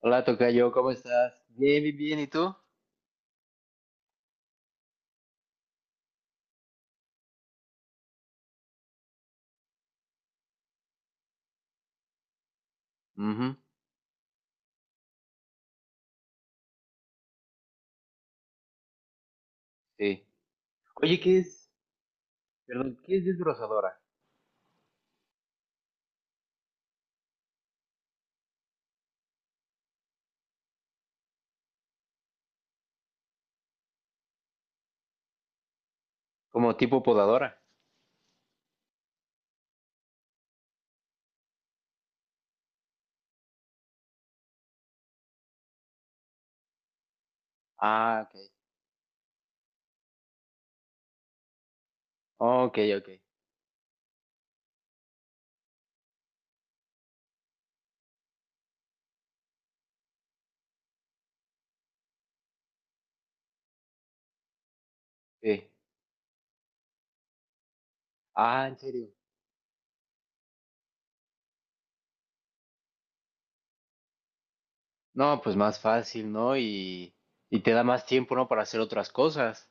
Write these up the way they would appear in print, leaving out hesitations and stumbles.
Hola, tocayo, ¿cómo estás? Bien, bien, bien, ¿y tú? Ujú, sí. Oye, ¿qué es? Perdón, ¿qué es desbrozadora? Como tipo podadora. Ah, ok. Ok, ok. Sí. Ah, ¿en serio? No, pues más fácil, ¿no? Y te da más tiempo, ¿no? Para hacer otras cosas.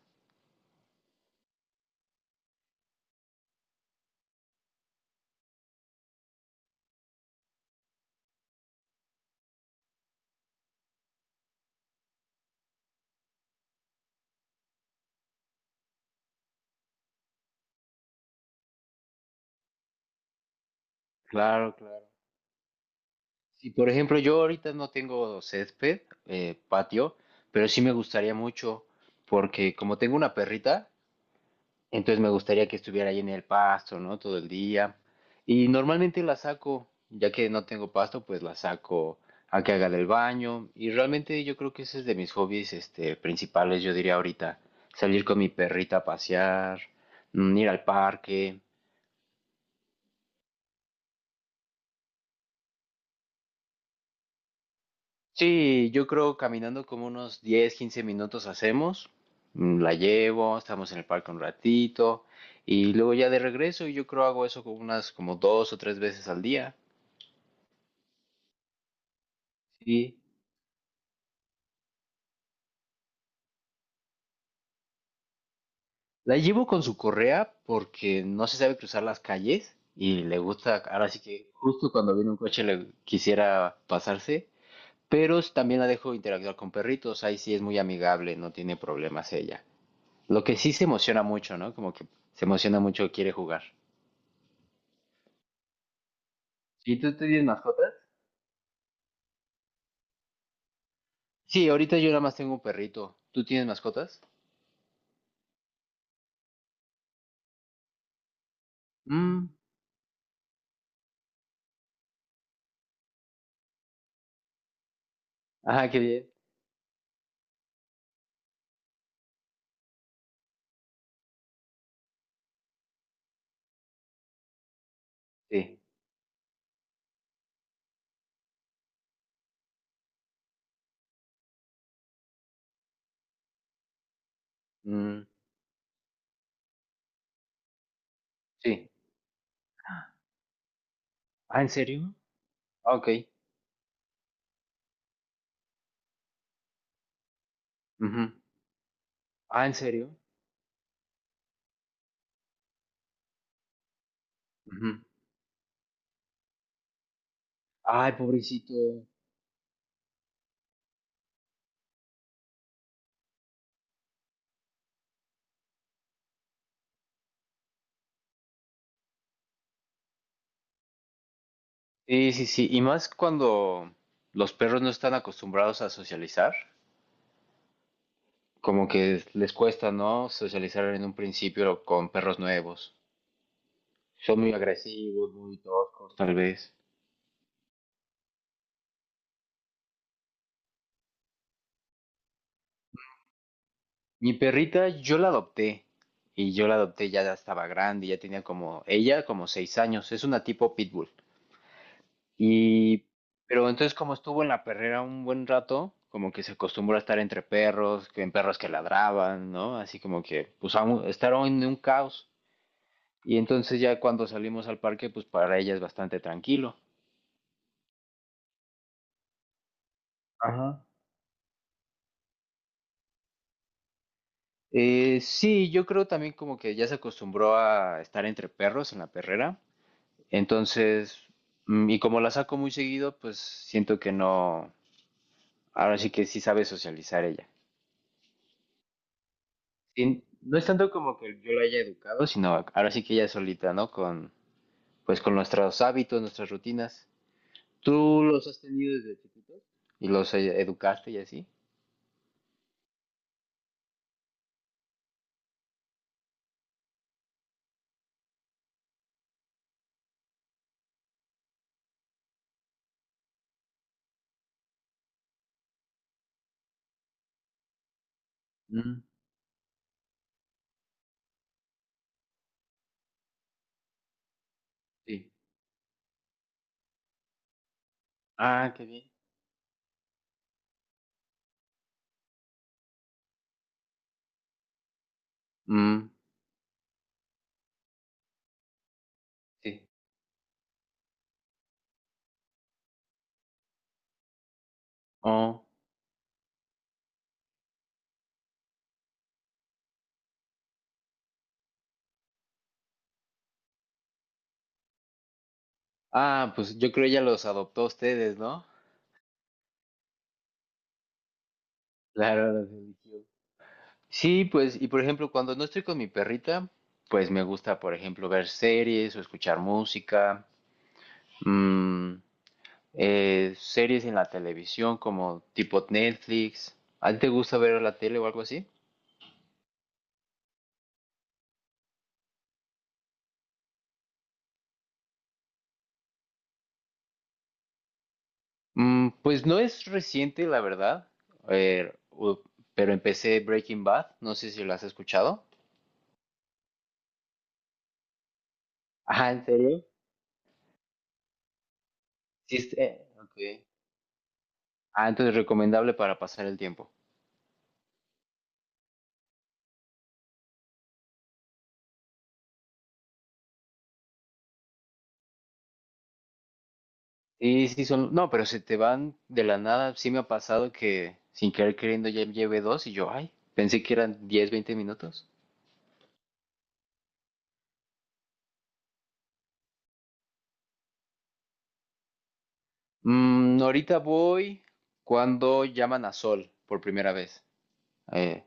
Claro, claro. Sí, por ejemplo, yo ahorita no tengo césped, patio, pero sí me gustaría mucho, porque como tengo una perrita, entonces me gustaría que estuviera ahí en el pasto, ¿no? Todo el día. Y normalmente la saco, ya que no tengo pasto, pues la saco a que haga del baño. Y realmente yo creo que ese es de mis hobbies, principales, yo diría ahorita. Salir con mi perrita a pasear, ir al parque. Sí, yo creo caminando como unos 10, 15 minutos hacemos. La llevo, estamos en el parque un ratito. Y luego ya de regreso, y yo creo hago eso como unas como dos o tres veces al día. Sí. La llevo con su correa porque no se sabe cruzar las calles y le gusta, ahora sí que justo cuando viene un coche le quisiera pasarse, pero también la dejo interactuar con perritos, ahí sí es muy amigable, no tiene problemas ella. Lo que sí se emociona mucho, ¿no? Como que se emociona mucho, quiere jugar. ¿Y tú tienes mascotas? Sí, ahorita yo nada más tengo un perrito. ¿Tú tienes mascotas? Mm. Ajá, qué bien. Sí. Mm, sí. Ah, ¿en serio? Ah, ok. Ujú. Ah, ¿en serio? Ujú. Ay, pobrecito. Sí, sí, sí. Y más cuando los perros no están acostumbrados a socializar, como que les cuesta, ¿no? Socializar en un principio con perros nuevos. Son muy agresivos, muy toscos, tal vez. Mi perrita, yo la adopté. Y yo la adopté, ya estaba grande, ya tenía como, ella como 6 años. Es una tipo pitbull. Y, pero entonces como estuvo en la perrera un buen rato, como que se acostumbró a estar entre perros, que en perros que ladraban, ¿no? Así como que, pues, estaron en un caos. Y entonces ya cuando salimos al parque, pues para ella es bastante tranquilo. Ajá. Sí, yo creo también como que ya se acostumbró a estar entre perros en la perrera. Entonces, y como la saco muy seguido, pues siento que no, ahora sí que sí sabe socializar ella. Sí, no es tanto como que yo la haya educado, sino ahora sí que ella solita, ¿no? Con, pues con nuestros hábitos, nuestras rutinas. ¿Tú los has tenido desde chiquitos? ¿Y los educaste y así? Mm, sí. Ah, qué bien. Mm, sí. Oh. Ah, pues yo creo ella los adoptó a ustedes, ¿no? Claro, los eligió. Sí, pues, y por ejemplo, cuando no estoy con mi perrita, pues me gusta, por ejemplo, ver series o escuchar música. Mm, series en la televisión como tipo Netflix. ¿A ti te gusta ver la tele o algo así? Pues no es reciente, la verdad. Eh, u- pero empecé Breaking Bad. No sé si lo has escuchado. Ah, ¿en serio? Sí, ok. Ah, entonces recomendable para pasar el tiempo. Sí, sí, son. No, pero se te van de la nada. Sí me ha pasado que sin querer queriendo ya llevé dos y yo, ay, pensé que eran 10, 20 minutos. Ahorita voy cuando llaman a Sol por primera vez. Eh,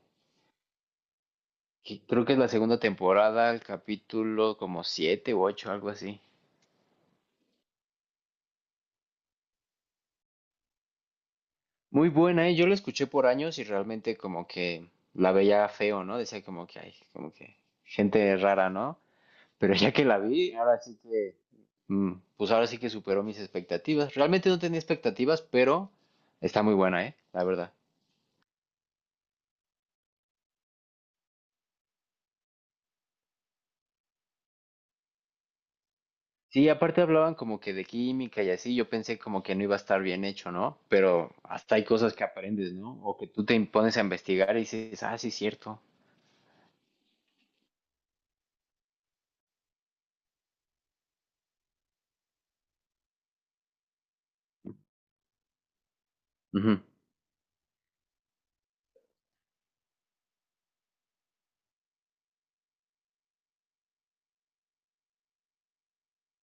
creo que es la segunda temporada, el capítulo como siete u ocho, algo así. Muy buena, ¿eh? Yo la escuché por años y realmente como que la veía feo, ¿no? Decía como que hay, como que gente rara, ¿no? Pero ya que la vi, ahora sí que, pues ahora sí que superó mis expectativas. Realmente no tenía expectativas, pero está muy buena, ¿eh? La verdad. Sí, aparte hablaban como que de química y así, yo pensé como que no iba a estar bien hecho, ¿no? Pero hasta hay cosas que aprendes, ¿no? O que tú te pones a investigar y dices, ah, sí, es cierto. Ujú,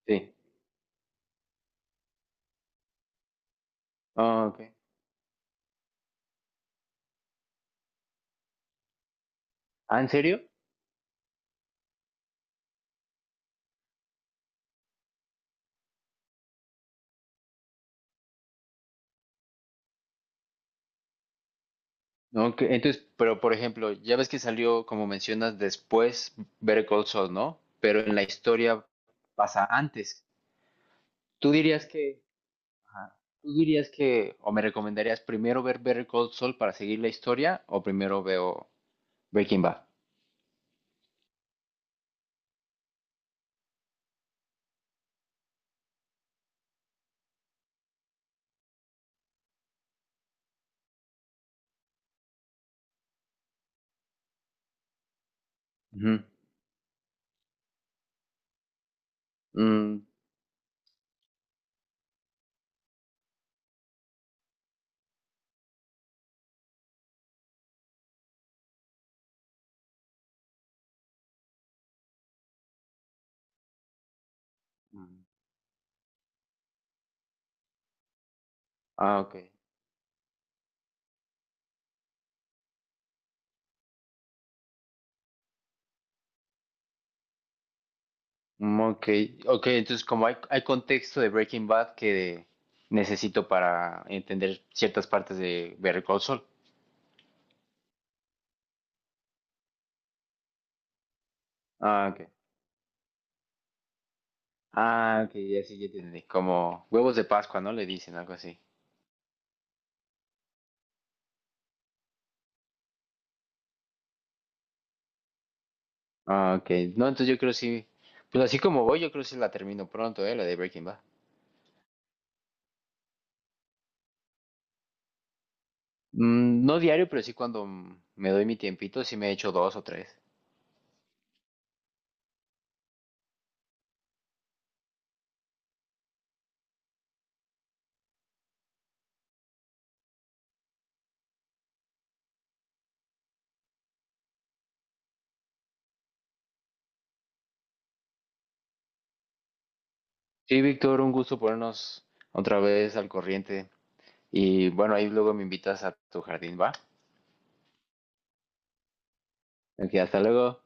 sí. Ah, ok. Ah, ¿en serio? No, que- Entonces, pero por ejemplo, ya ves que salió, como mencionas, después Better Call Saul, ¿no? Pero en la historia pasa antes. ¿Tú dirías que, ajá, tú dirías que, o me recomendarías primero ver Better Call Saul para seguir la historia, o primero veo Breaking Bad? Ujú. Mm. Mm. Ah, ok. Ok, ok, entonces como hay contexto de Breaking Bad que necesito para entender ciertas partes de Better Call Saul. Ah, ok. Ah, ok, ya sí, ya entendí. Como huevos de Pascua, ¿no? Le dicen algo así. Ah, ok. No, entonces yo creo sí. Pues así como voy, yo creo sí la termino pronto, ¿eh? La de Breaking Bad. No diario, pero sí cuando me doy mi tiempito, sí me echo dos o tres. Sí, Víctor, un gusto ponernos otra vez al corriente. Y bueno, ahí luego me invitas a tu jardín, ¿va? Ok, hasta luego.